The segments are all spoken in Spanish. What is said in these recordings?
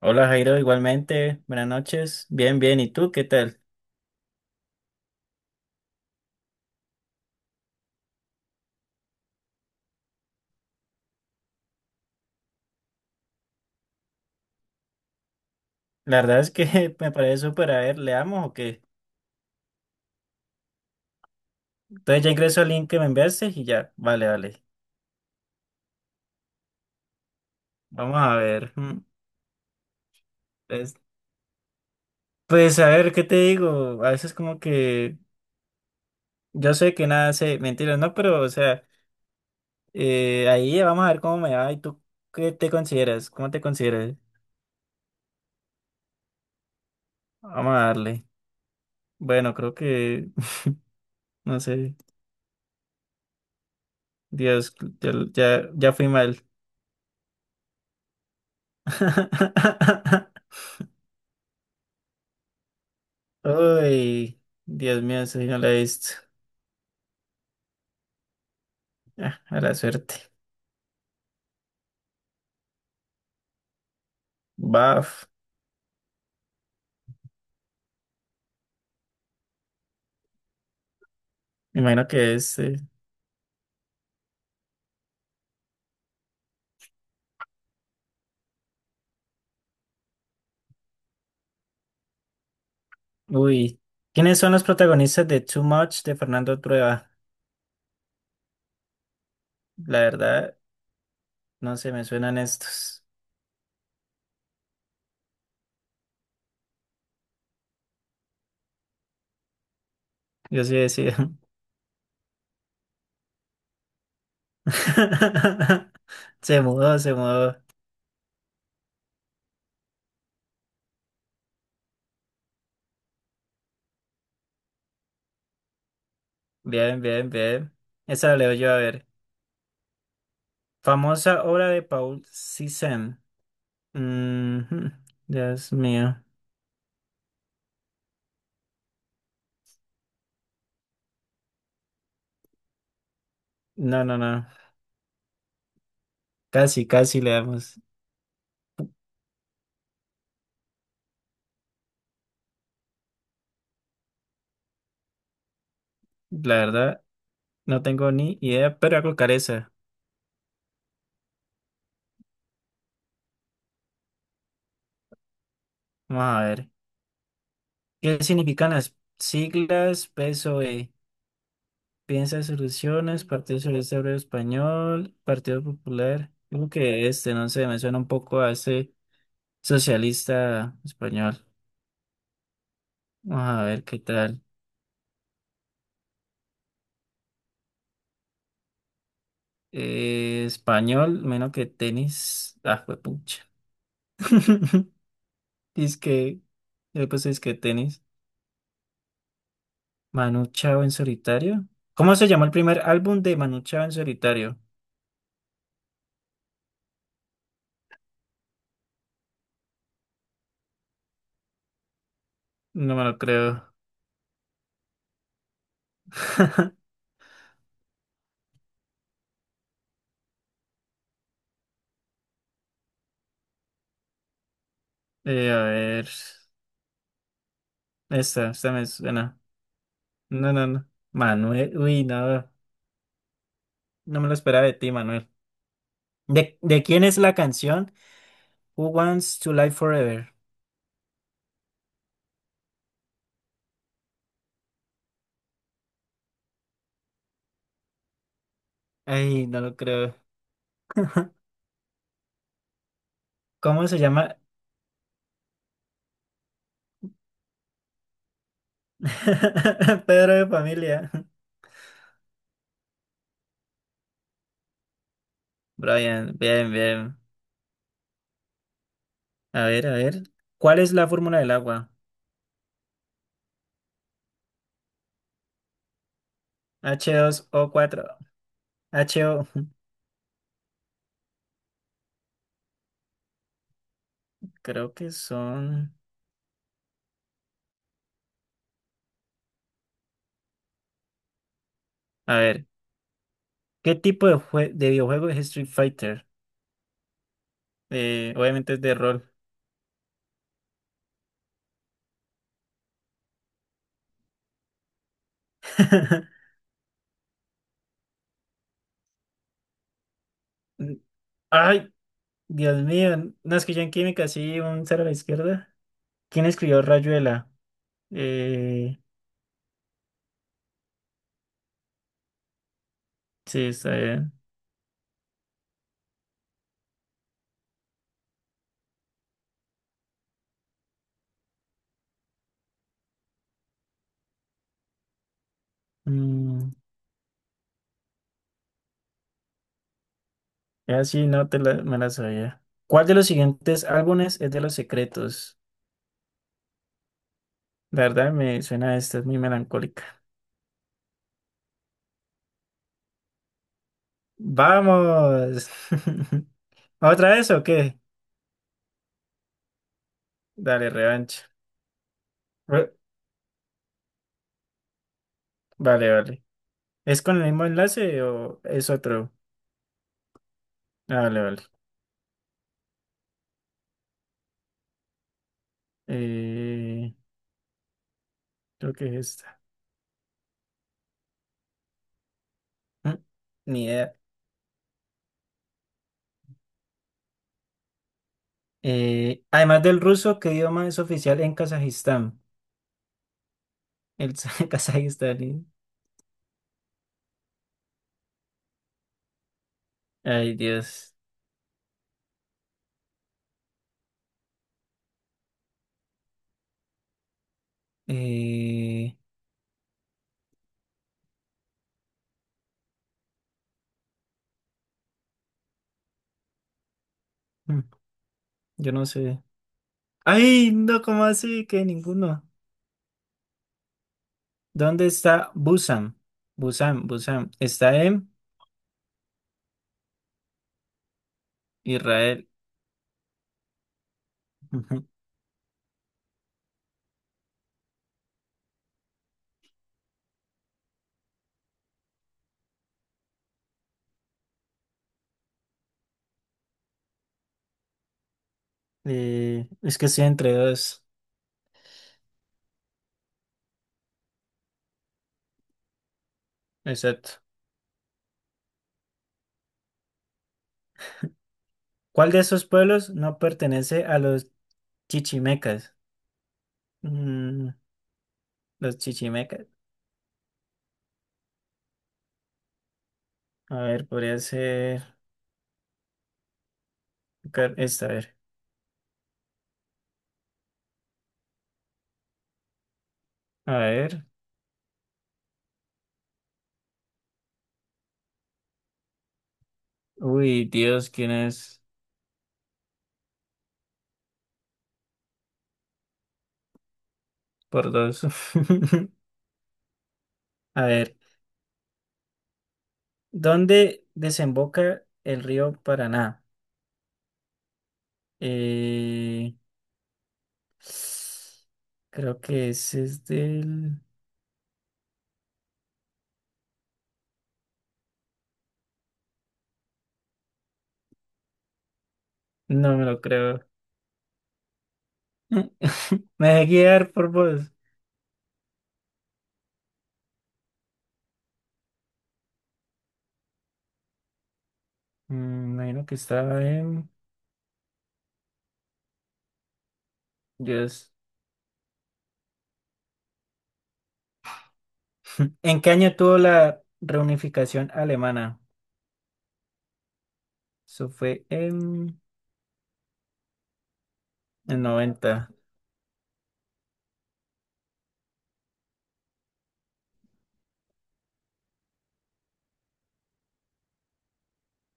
Hola Jairo, igualmente, buenas noches. Bien, bien, ¿y tú qué tal? La verdad es que me parece súper, a ver, leamos o qué. Entonces ya ingreso al link que me enviaste y ya, vale, vale. Vamos a ver. Pues, pues a ver, ¿qué te digo? A veces como que yo sé que nada sé, mentiras, no, pero o sea, ahí vamos a ver cómo me va y tú qué te consideras, cómo te consideras. Vamos a darle. Bueno, no sé. Dios, ya fui mal. Uy, Dios mío, esa sí no la he visto. Ah, a la suerte. Baf, me imagino que es. Uy, ¿quiénes son los protagonistas de Too Much de Fernando Trueba? La verdad, no se me suenan estos. Yo sí decía. Se mudó, se mudó. Bien, bien, bien. Esa la leo yo a ver. Famosa obra de Paul Cézanne. Mhm. Dios mío. No, no, no. Casi, casi le damos. La verdad, no tengo ni idea, pero voy a colocar esa. Vamos a ver. ¿Qué significan las siglas PSOE? Piensa soluciones, Partido Socialista Obrero Español, Partido Popular. Creo que este, no sé, me suena un poco a este socialista español. Vamos a ver qué tal. Español, menos que tenis. Ah, fue pucha. Dice que, yo pues es que tenis. Manu Chao en solitario. ¿Cómo se llamó el primer álbum de Manu Chao en solitario? No me lo creo. A ver. Esta me suena. No, no, no. Manuel. Uy, no. No me lo esperaba de ti, Manuel. ¿De quién es la canción Who Wants to Live Forever? Ay, no lo creo. ¿Cómo se llama? Pedro de familia. Brian, bien, bien. A ver, a ver. ¿Cuál es la fórmula del agua? H dos o cuatro. H O. Creo que son. A ver. ¿Qué tipo de, de videojuego es Street Fighter? Obviamente es de rol. Ay, Dios mío. No, es que yo en química sí, un cero a la izquierda. ¿Quién escribió Rayuela? Eh, sí, está bien. Mm, ya sí, no te la, me la sabía. ¿Cuál de los siguientes álbumes es de Los Secretos? La verdad me suena esta, es muy melancólica. ¡Vamos! ¿Otra vez o qué? Dale, revancha. Re- Vale, vale. ¿Es con el mismo enlace o es otro? Ah, vale, vale. Eh, creo que es este. Mm, Ni idea. Además del ruso, ¿qué idioma es oficial en Kazajistán? El Ay, Dios. Eh, mm, yo no sé. Ay, no, ¿cómo así? Que ninguno. ¿Dónde está Busan? Busan, Busan. Está en Israel. Ujú. Es que estoy entre dos. Exacto. ¿Cuál de esos pueblos no pertenece a los chichimecas? Mm, los chichimecas. A ver, podría ser esta, a ver. A ver. Uy, Dios, ¿quién es? Por dos. A ver. ¿Dónde desemboca el río Paraná? Eh, creo que ese es del... No me lo creo. Me dejé guiar por vos. Mm, imagino que estaba en... Dios. ¿En qué año tuvo la reunificación alemana? Eso fue en el 90.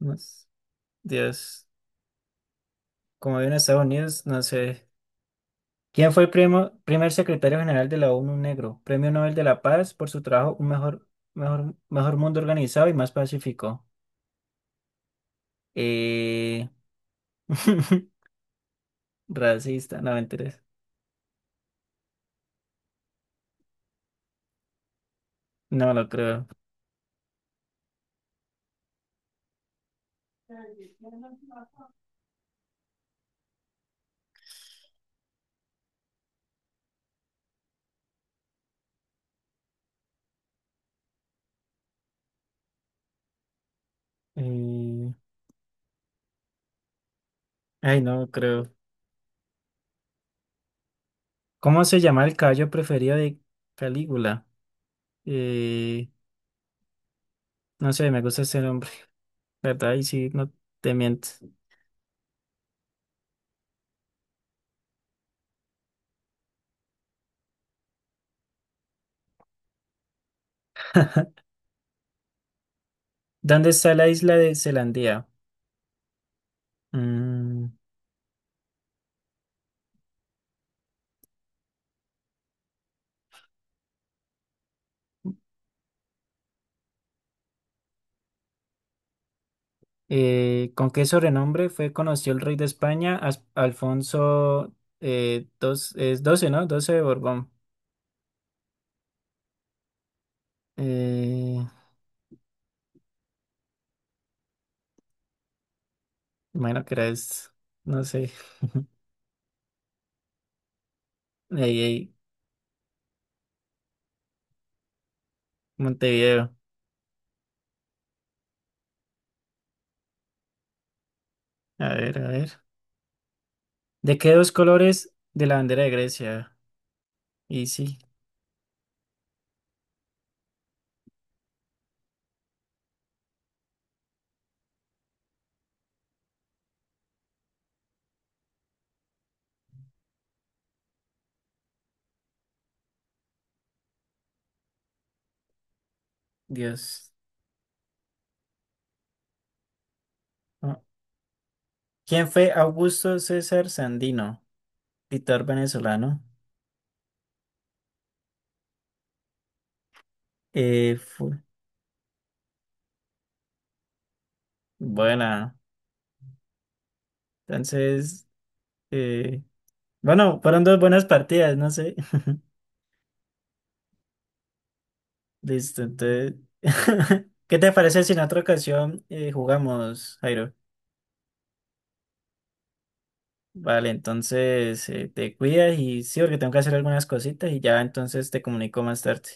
No s- Dios. Como viene Estados Unidos, no sé. ¿Quién fue el primer secretario general de la ONU Negro? Premio Nobel de la Paz por su trabajo. Un mejor mundo organizado y más pacífico. Eh... Racista, no me interesa. No lo creo. Eh, Ay, no lo creo. ¿Cómo se llama el caballo preferido de Calígula? Eh, No sé, me gusta ese nombre, ¿verdad? Y sí, no te mientes. ¿Dónde está la isla de Zelandia? Mm. ¿Con qué sobrenombre fue conocido el rey de España, Alfonso dos, es 12, ¿no? Doce de Borbón. Eh, bueno, que era no sé, ahí, ahí, Montevideo. A ver, a ver. ¿De qué dos colores de la bandera de Grecia? Y sí, Dios. No. ¿Quién fue Augusto César Sandino, dictador venezolano? Fue, buena. Entonces, eh, bueno, fueron dos buenas partidas, no sé. Listo, entonces. ¿Qué te parece si en otra ocasión jugamos, Jairo? Vale, entonces te cuidas y sí, porque tengo que hacer algunas cositas y ya entonces te comunico más tarde.